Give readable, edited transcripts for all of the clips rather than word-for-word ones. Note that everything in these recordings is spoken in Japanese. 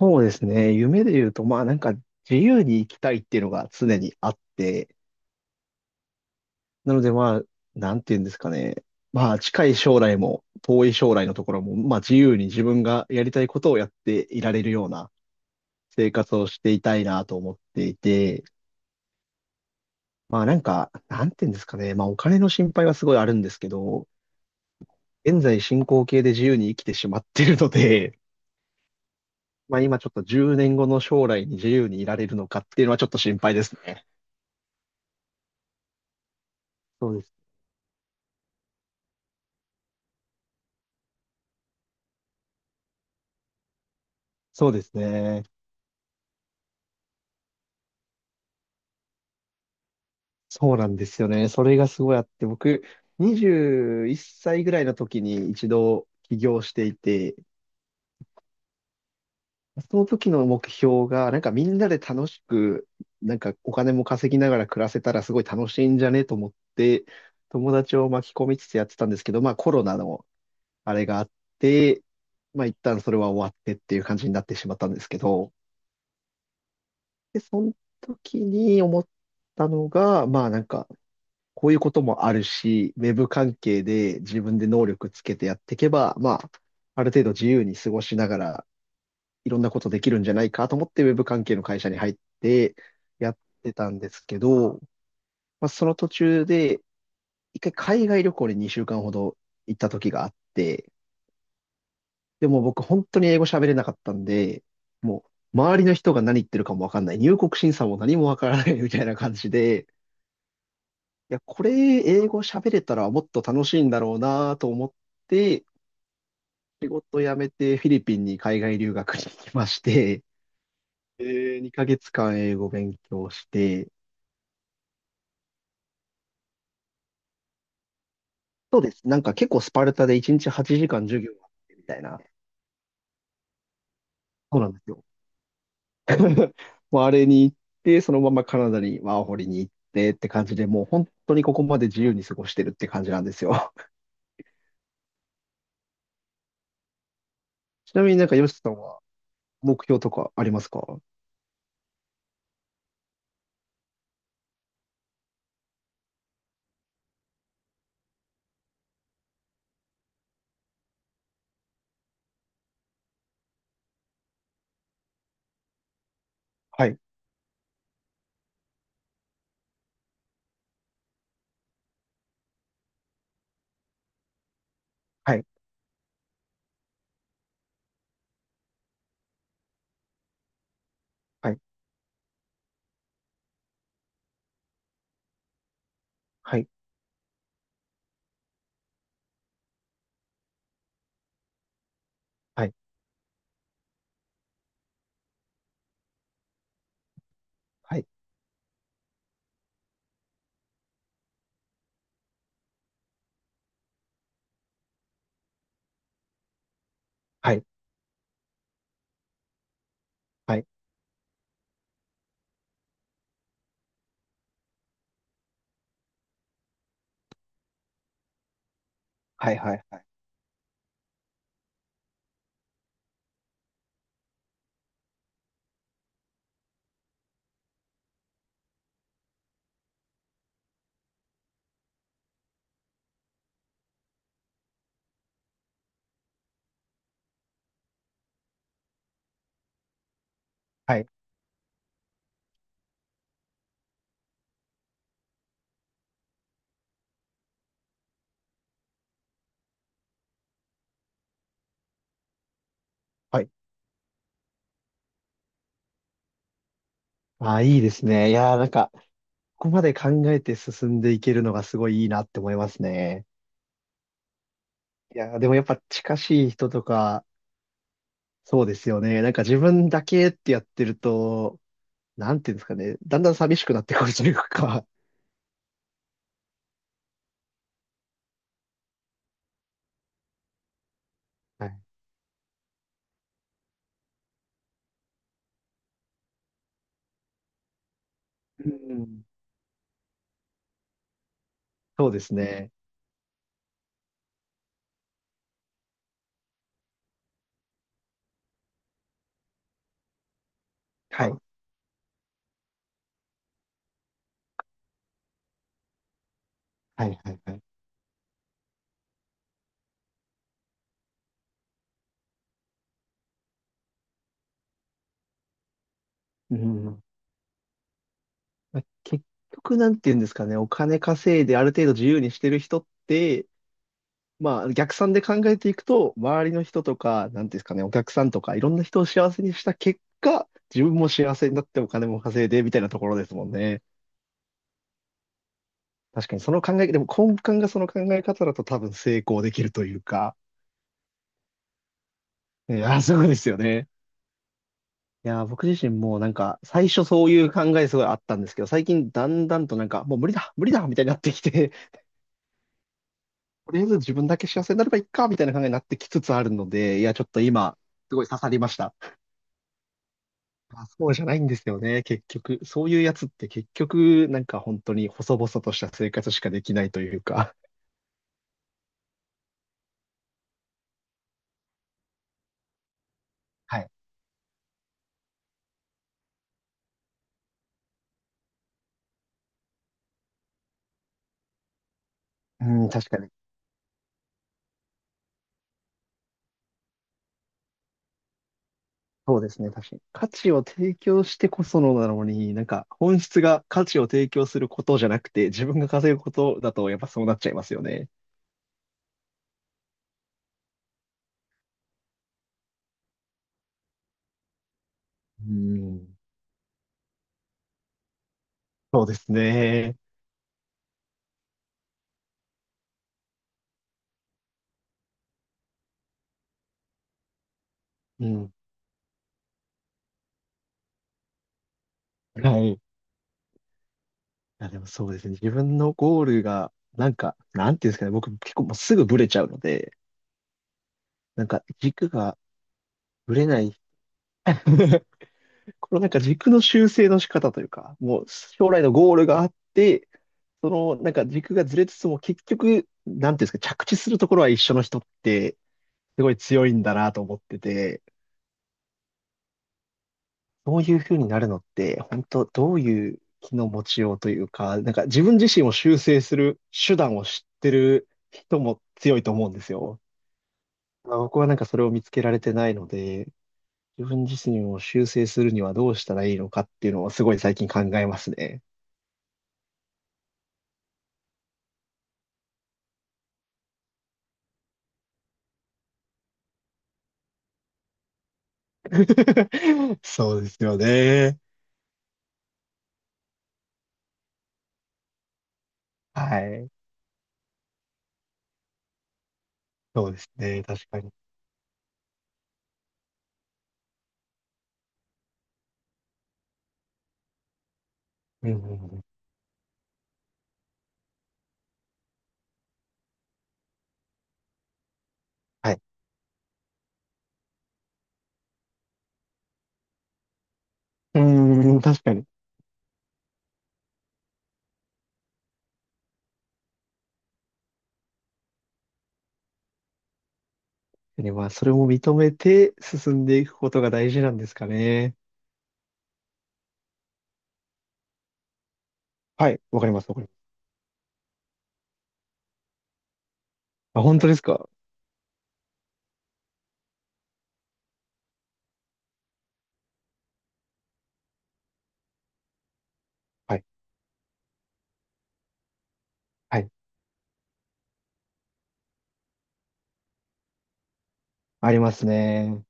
そうですね。夢で言うと、まあなんか自由に生きたいっていうのが常にあって、なのでまあ、なんて言うんですかね。まあ近い将来も遠い将来のところも、まあ自由に自分がやりたいことをやっていられるような生活をしていたいなと思っていて、まあなんか、なんて言うんですかね。まあお金の心配はすごいあるんですけど、現在進行形で自由に生きてしまってるので、まあ今ちょっと10年後の将来に自由にいられるのかっていうのはちょっと心配ですね。そうです。そうですね。そうなんですよね。それがすごいあって、僕、21歳ぐらいの時に一度起業していて、その時の目標が、なんかみんなで楽しく、なんかお金も稼ぎながら暮らせたらすごい楽しいんじゃねと思って、友達を巻き込みつつやってたんですけど、まあコロナのあれがあって、まあ一旦それは終わってっていう感じになってしまったんですけど、で、その時に思ったのが、まあなんか、こういうこともあるし、ウェブ関係で自分で能力つけてやっていけば、まあ、ある程度自由に過ごしながら、いろんなことできるんじゃないかと思って、ウェブ関係の会社に入ってやってたんですけど、まあ、その途中で、一回海外旅行に2週間ほど行った時があって、でも僕本当に英語喋れなかったんで、もう周りの人が何言ってるかもわかんない、入国審査も何もわからないみたいな感じで、いや、これ英語喋れたらもっと楽しいんだろうなと思って、仕事辞めてフィリピンに海外留学に行きまして、で2ヶ月間英語勉強して、そうです。なんか結構スパルタで1日8時間授業があってみたいな。そうなんですよ。もうあれに行って、そのままカナダにワーホリに行ってって感じで、もう本当にここまで自由に過ごしてるって感じなんですよ。ちなみになんかヨシさんは目標とかありますか？はい、はい、はい、はい、はい、はい。はいはいはいはい。はい。はい。ああ、いいですね。いやー、なんか、ここまで考えて進んでいけるのがすごいいいなって思いますね。いやー、でもやっぱ近しい人とか、そうですよね。なんか自分だけってやってると、なんていうんですかね。だんだん寂しくなってくるというか。はい。うん。そうですね。はい。はいはいはい。うん。まあ結局、なんていうんですかね。お金稼いである程度自由にしてる人って、まあ、逆算で考えていくと、周りの人とか、なんていうんですかね、お客さんとか、いろんな人を幸せにした結果、自分も幸せになってお金も稼いで、みたいなところですもんね。確かにその考え、でも根幹がその考え方だと多分成功できるというか。いや、そうですよね。いや、僕自身もなんか、最初そういう考えすごいあったんですけど、最近だんだんとなんか、もう無理だ、無理だ、みたいになってきて、とりあえず自分だけ幸せになればいいか、みたいな考えになってきつつあるので、いや、ちょっと今、すごい刺さりました。まあ、そうじゃないんですよね、結局。そういうやつって結局、なんか本当に細々とした生活しかできないというか。はい。うん、確かに。そうですね、確かに。価値を提供してこそのなのに、なんか本質が価値を提供することじゃなくて、自分が稼ぐことだとやっぱそうなっちゃいますよね。うん。そうですね。うん。はい。いや、でもそうですね。自分のゴールが、なんか、なんていうんですかね。僕結構もうすぐブレちゃうので、なんか軸がブレない このなんか軸の修正の仕方というか、もう将来のゴールがあって、そのなんか軸がずれつつも結局、なんていうんですか、着地するところは一緒の人ってすごい強いんだなと思ってて、そういう風になるのって、本当どういう気の持ちようというか、なんか自分自身を修正する手段を知ってる人も強いと思うんですよ。まあ僕はなんかそれを見つけられてないので、自分自身を修正するにはどうしたらいいのかっていうのをすごい最近考えますね。そうですよね。はい。そうですね。確かに。うんうんうん。はい。うん、確かに。でまあ、それも認めて進んでいくことが大事なんですかね。はい。わかります。わかります。あ、本当ですか？はい。はい。ありますね。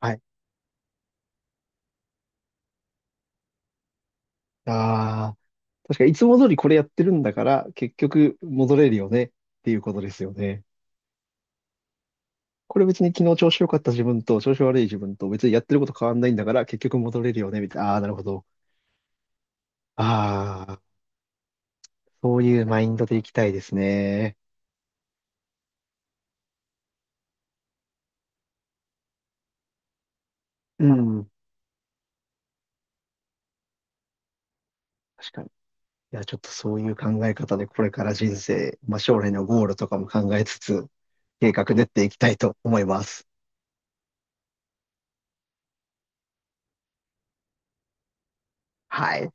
はい。ああ。確かに、いつも通りこれやってるんだから、結局戻れるよねっていうことですよね。これ別に昨日調子良かった自分と調子悪い自分と別にやってること変わんないんだから、結局戻れるよね、みたいな。ああ、なるほど。ああ。そういうマインドでいきたいですね。うん。確かに。いや、ちょっとそういう考え方でこれから人生、まあ将来のゴールとかも考えつつ、計画練っていきたいと思います。はい。